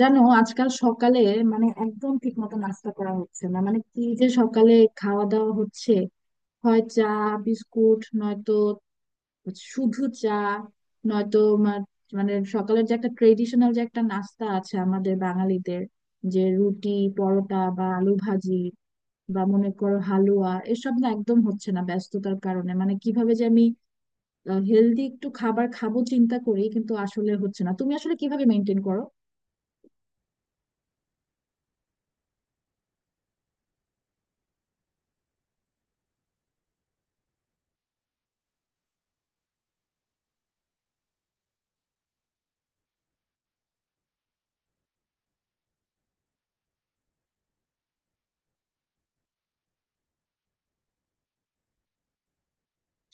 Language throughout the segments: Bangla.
জানো, আজকাল সকালে মানে একদম ঠিক মতো নাস্তা করা হচ্ছে না। মানে কি যে সকালে খাওয়া দাওয়া হচ্ছে, হয় চা বিস্কুট, নয়তো শুধু চা, নয়তো মা- মানে সকালের যে একটা ট্রেডিশনাল যে একটা নাস্তা আছে আমাদের বাঙালিদের, যে রুটি পরোটা বা আলু ভাজি বা মনে করো হালুয়া, এসব না একদম হচ্ছে না ব্যস্ততার কারণে। মানে কিভাবে যে আমি হেলদি একটু খাবার খাবো চিন্তা করি কিন্তু আসলে হচ্ছে না। তুমি আসলে কিভাবে মেনটেন করো?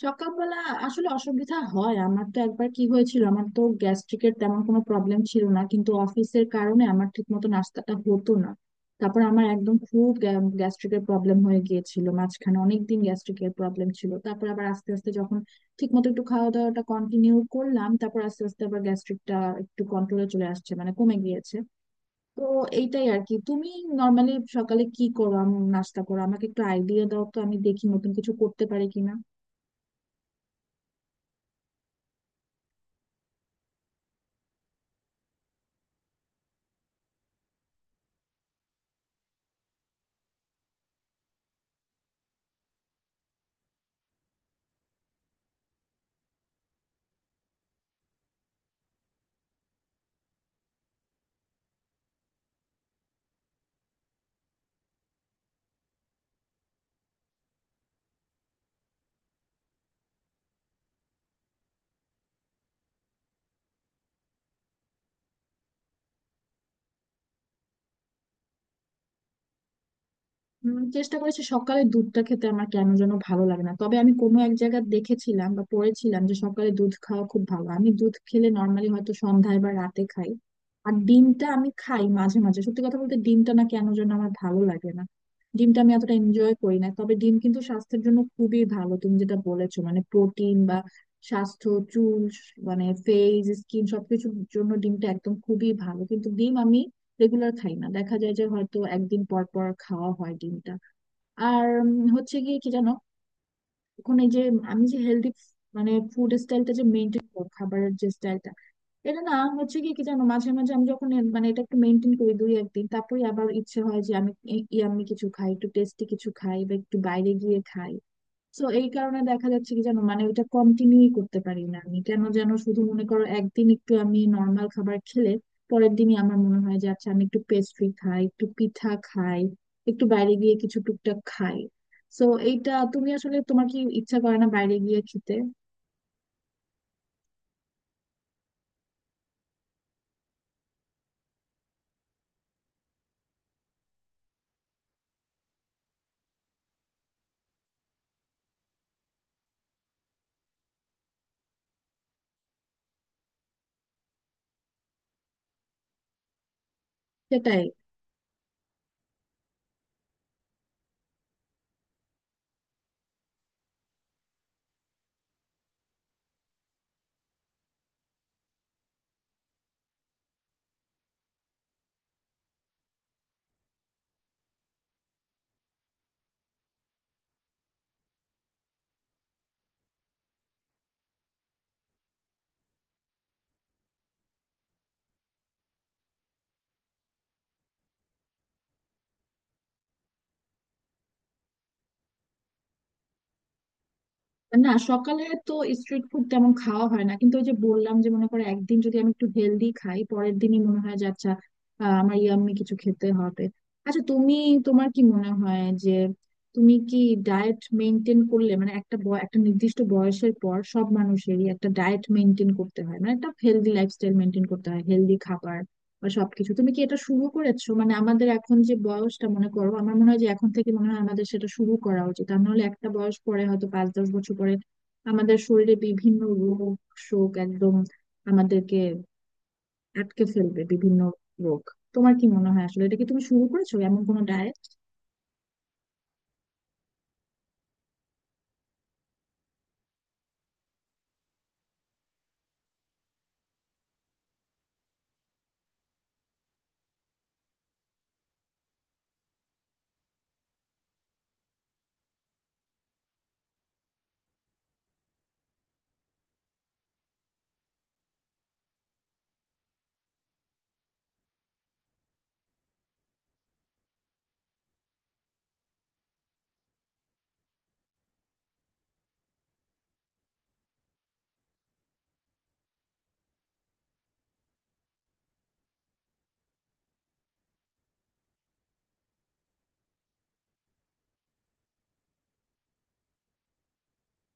সকালবেলা আসলে অসুবিধা হয়। আমার তো একবার কি হয়েছিল, আমার তো গ্যাস্ট্রিকের তেমন কোনো প্রবলেম ছিল না কিন্তু অফিসের কারণে আমার ঠিক মতো নাস্তাটা হতো না। তারপর আমার একদম খুব গ্যাস্ট্রিকের প্রবলেম হয়ে গিয়েছিল। মাঝখানে অনেকদিন গ্যাস্ট্রিকের প্রবলেম ছিল। তারপর আবার আস্তে আস্তে যখন ঠিক মতো একটু খাওয়া দাওয়াটা কন্টিনিউ করলাম, তারপর আস্তে আস্তে আবার গ্যাস্ট্রিকটা একটু কন্ট্রোলে চলে আসছে, মানে কমে গিয়েছে। তো এইটাই আর কি। তুমি নর্মালি সকালে কি করো, নাস্তা করো? আমাকে একটু আইডিয়া দাও তো, আমি দেখি নতুন কিছু করতে পারি কিনা। চেষ্টা করেছি সকালে দুধটা খেতে, আমার কেন যেন ভালো লাগে না। তবে আমি কোনো এক জায়গায় দেখেছিলাম বা পড়েছিলাম যে সকালে দুধ খাওয়া খুব ভালো। আমি দুধ খেলে নর্মালি হয়তো সন্ধ্যায় বা রাতে খাই। আর ডিমটা আমি খাই মাঝে মাঝে। সত্যি কথা বলতে ডিমটা না কেন যেন আমার ভালো লাগে না, ডিমটা আমি এতটা এনজয় করি না। তবে ডিম কিন্তু স্বাস্থ্যের জন্য খুবই ভালো, তুমি যেটা বলেছো মানে প্রোটিন বা স্বাস্থ্য, চুল, মানে ফেস স্কিন সবকিছুর জন্য ডিমটা একদম খুবই ভালো। কিন্তু ডিম আমি রেগুলার খাই না, দেখা যায় যে হয়তো একদিন পর পর খাওয়া হয় ডিমটা। আর হচ্ছে গিয়ে কি জানো, এখন এই যে আমি যে হেলদি মানে ফুড স্টাইলটা যে মেনটেন করি, খাবারের যে স্টাইলটা, এটা না হচ্ছে কি, কি জানো, মাঝে মাঝে আমি যখন মানে এটা একটু মেনটেন করি দুই একদিন, তারপরে আবার ইচ্ছে হয় যে আমি ইয়াম্মি কিছু খাই, একটু টেস্টি কিছু খাই বা একটু বাইরে গিয়ে খাই। তো এই কারণে দেখা যাচ্ছে কি জানো, মানে ওইটা কন্টিনিউ করতে পারি না। আমি কেন যেন শুধু মনে করো একদিন একটু আমি নর্মাল খাবার খেলে পরের দিনই আমার মনে হয় যে আচ্ছা আমি একটু পেস্ট্রি খাই, একটু পিঠা খাই, একটু বাইরে গিয়ে কিছু টুকটাক খাই। তো এইটা, তুমি আসলে তোমার কি ইচ্ছা করে না বাইরে গিয়ে খেতে? সেটাই। না সকালে তো স্ট্রিট ফুড তেমন খাওয়া হয় না, কিন্তু ওই যে বললাম যে মনে করো একদিন যদি আমি একটু হেলদি খাই পরের দিনই মনে হয় যে আচ্ছা, আমার ইয়াম্মি কিছু খেতে হবে। আচ্ছা তুমি, তোমার কি মনে হয় যে তুমি কি ডায়েট মেনটেন করলে, মানে একটা একটা নির্দিষ্ট বয়সের পর সব মানুষেরই একটা ডায়েট মেনটেন করতে হয়, মানে একটা হেলদি লাইফস্টাইল মেনটেন করতে হয়, হেলদি খাবার বা সবকিছু তুমি কি এটা শুরু করেছো? মানে আমাদের এখন যে বয়সটা, মনে করো আমার মনে হয় যে এখন থেকে মনে হয় আমাদের সেটা শুরু করা উচিত আর নাহলে একটা বয়স পরে হয়তো পাঁচ দশ বছর পরে আমাদের শরীরে বিভিন্ন রোগ শোক একদম আমাদেরকে আটকে ফেলবে, বিভিন্ন রোগ। তোমার কি মনে হয় আসলে এটা কি তুমি শুরু করেছো এমন কোনো ডায়েট?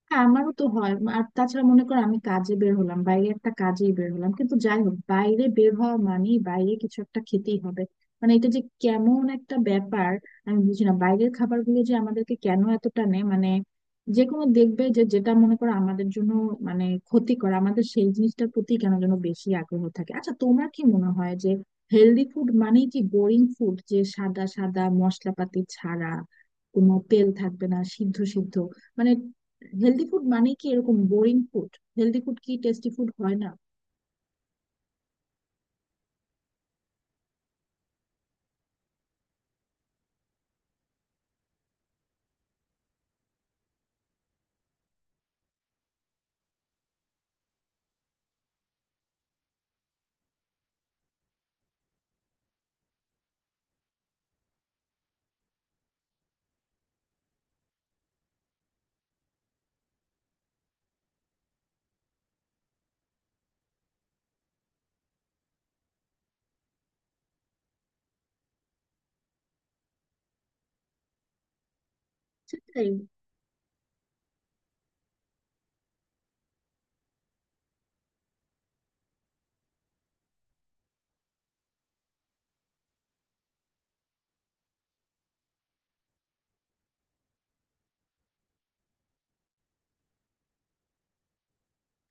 হ্যাঁ আমারও তো হয়। আর তাছাড়া মনে করো আমি কাজে বের হলাম, বাইরে একটা কাজেই বের হলাম কিন্তু যাই হোক বাইরে বের হওয়া মানেই বাইরে কিছু একটা খেতেই হবে। মানে এটা যে কেমন একটা ব্যাপার, আমি বুঝি না, বাইরের খাবারগুলো যে আমাদেরকে কেন এত টানে মানে, যে কোনো দেখবে যে যেটা মনে করো আমাদের জন্য মানে ক্ষতিকর আমাদের সেই জিনিসটার প্রতি কেন যেন বেশি আগ্রহ থাকে। আচ্ছা তোমার কি মনে হয় যে হেলদি ফুড মানে কি বোরিং ফুড, যে সাদা সাদা মশলাপাতি ছাড়া কোনো তেল থাকবে না, সিদ্ধ সিদ্ধ, মানে হেলদি ফুড মানে কি এরকম বোরিং ফুড? হেলদি ফুড কি টেস্টি ফুড হয় না? সেটাই।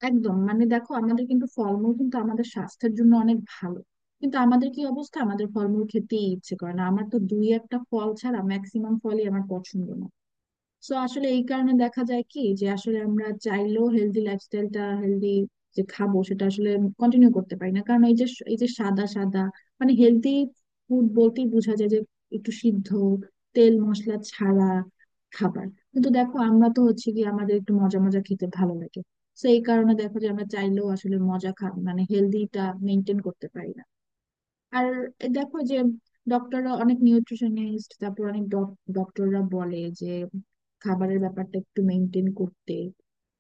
একদম মানে দেখো আমাদের কিন্তু ফলমূল কিন্তু আমাদের স্বাস্থ্যের জন্য অনেক ভালো। কিন্তু আমাদের কি অবস্থা, আমাদের ফলমূল খেতেই ইচ্ছে করে না। আমার তো দুই একটা ফল ছাড়া ম্যাক্সিমাম ফলই আমার পছন্দ না। সো আসলে এই কারণে দেখা যায় কি যে আসলে আমরা চাইলেও হেলদি লাইফস্টাইলটা, হেলদি যে খাবো সেটা আসলে কন্টিনিউ করতে পারি না কারণ এই যে সাদা সাদা মানে হেলদি ফুড বলতেই বোঝা যায় যে একটু সিদ্ধ তেল মশলা ছাড়া খাবার। কিন্তু দেখো আমরা তো হচ্ছে কি আমাদের একটু মজা মজা খেতে ভালো লাগে। তো এই কারণে দেখো যে আমরা চাইলেও আসলে মজা খা মানে হেলদিটা মেনটেন করতে পারি না। আর দেখো যে ডক্টররা, অনেক নিউট্রিশনিস্ট, তারপর অনেক ডক্টররা বলে যে খাবারের ব্যাপারটা একটু মেনটেন করতে,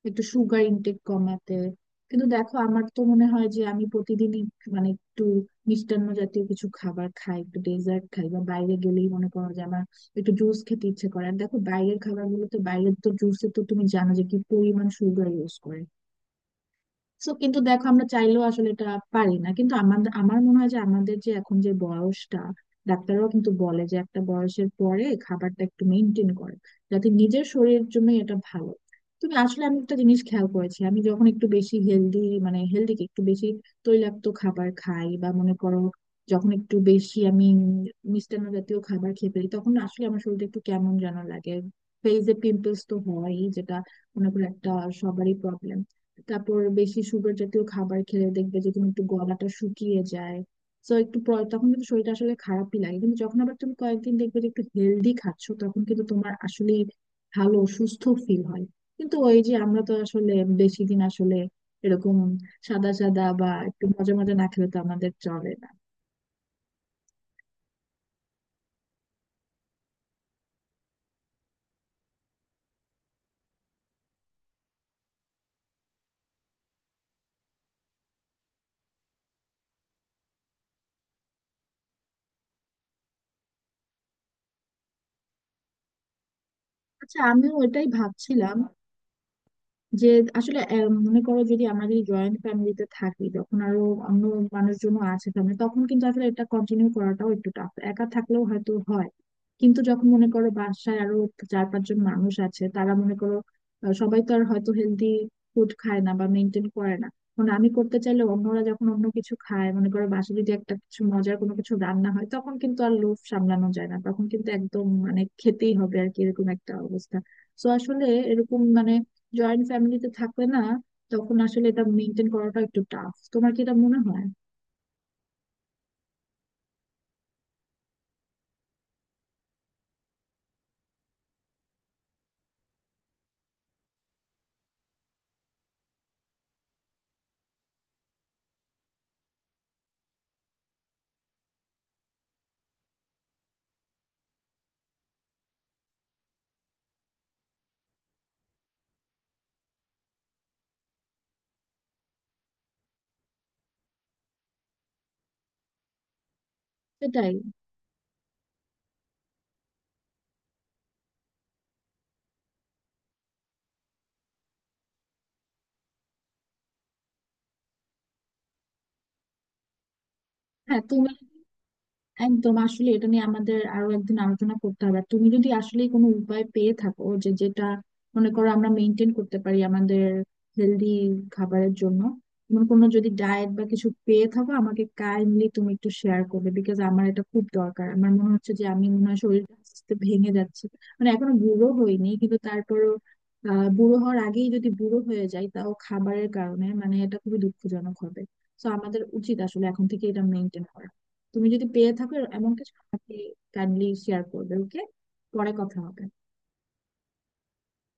একটু সুগার ইনটেক কমাতে। কিন্তু দেখো আমার তো মনে হয় যে আমি প্রতিদিনই মানে একটু মিষ্টান্ন জাতীয় কিছু খাবার খাই, একটু ডেজার্ট খাই, বা বাইরে গেলেই মনে করো যে আমার একটু জুস খেতে ইচ্ছে করে। আর দেখো বাইরের খাবারগুলোতে, বাইরের তো জুসে তো তুমি জানো যে কি পরিমাণ সুগার ইউজ করে। সো কিন্তু দেখো আমরা চাইলেও আসলে এটা পারি না কিন্তু আমাদের, আমার মনে হয় যে আমাদের যে এখন যে বয়সটা, ডাক্তাররাও কিন্তু বলে যে একটা বয়সের পরে খাবারটা একটু মেনটেন করে যাতে নিজের শরীরের জন্য এটা ভালো। তুমি আসলে, আমি একটা জিনিস খেয়াল করেছি, আমি যখন একটু বেশি হেলদি মানে হেলদি কি, একটু বেশি তৈলাক্ত খাবার খাই বা মনে করো যখন একটু বেশি আমি মিষ্টান্ন জাতীয় খাবার খেয়ে ফেলি তখন আসলে আমার শরীরটা একটু কেমন যেন লাগে। ফেইসে পিম্পলস তো হয়ই, যেটা মনে করো একটা সবারই প্রবলেম। তারপর বেশি সুগার জাতীয় খাবার খেলে দেখবে যে তুমি একটু গলাটা শুকিয়ে যায়। তো একটু তখন কিন্তু শরীরটা আসলে খারাপই লাগে, কিন্তু যখন আবার তুমি কয়েকদিন দেখবে যে একটু হেলদি খাচ্ছো তখন কিন্তু তোমার আসলে ভালো সুস্থ ফিল হয়। কিন্তু ওই যে আমরা তো আসলে বেশি দিন আসলে এরকম সাদা সাদা বা একটু মজা মজা না খেলে তো আমাদের চলে না। আচ্ছা আমিও ওটাই ভাবছিলাম যে আসলে মনে করো যদি আমরা যদি জয়েন্ট ফ্যামিলিতে থাকি যখন আরো অন্য মানুষজনও আছে ফ্যামিলি, তখন কিন্তু আসলে এটা কন্টিনিউ করাটাও একটু টাফ। একা থাকলেও হয়তো হয় কিন্তু যখন মনে করো বাসায় আরো চার পাঁচজন মানুষ আছে তারা মনে করো, সবাই তো আর হয়তো হেলদি ফুড খায় না বা মেনটেন করে না। মানে আমি করতে চাইলে অন্যরা যখন অন্য কিছু খায়, মনে করো বাসায় যদি একটা কিছু মজার কোনো কিছু রান্না হয় তখন কিন্তু আর লোভ সামলানো যায় না, তখন কিন্তু একদম মানে খেতেই হবে আর কি, এরকম একটা অবস্থা। তো আসলে এরকম মানে জয়েন্ট ফ্যামিলিতে থাকলে না তখন আসলে এটা মেনটেন করাটা একটু টাফ। তোমার কি এটা মনে হয়? সেটাই। হ্যাঁ তুমি একদম আসলে, এটা নিয়ে আমাদের আরো একদিন আলোচনা করতে হবে। আর তুমি যদি আসলে কোনো উপায় পেয়ে থাকো যে যেটা মনে করো আমরা মেনটেন করতে পারি আমাদের হেলদি খাবারের জন্য, এমন কোনো যদি ডায়েট বা কিছু পেয়ে থাকো আমাকে কাইন্ডলি তুমি একটু শেয়ার করবে, বিকজ আমার এটা খুব দরকার। আমার মনে হচ্ছে যে আমি মনে হয় শরীরটা আস্তে আস্তে ভেঙে যাচ্ছে, মানে এখনো বুড়ো হইনি কিন্তু তারপরও বুড়ো হওয়ার আগেই যদি বুড়ো হয়ে যাই তাও খাবারের কারণে, মানে এটা খুবই দুঃখজনক হবে। তো আমাদের উচিত আসলে এখন থেকে এটা মেনটেন করা। তুমি যদি পেয়ে থাকো এমন কিছু আমাকে কাইন্ডলি শেয়ার করবে, ওকে? পরে কথা হবে।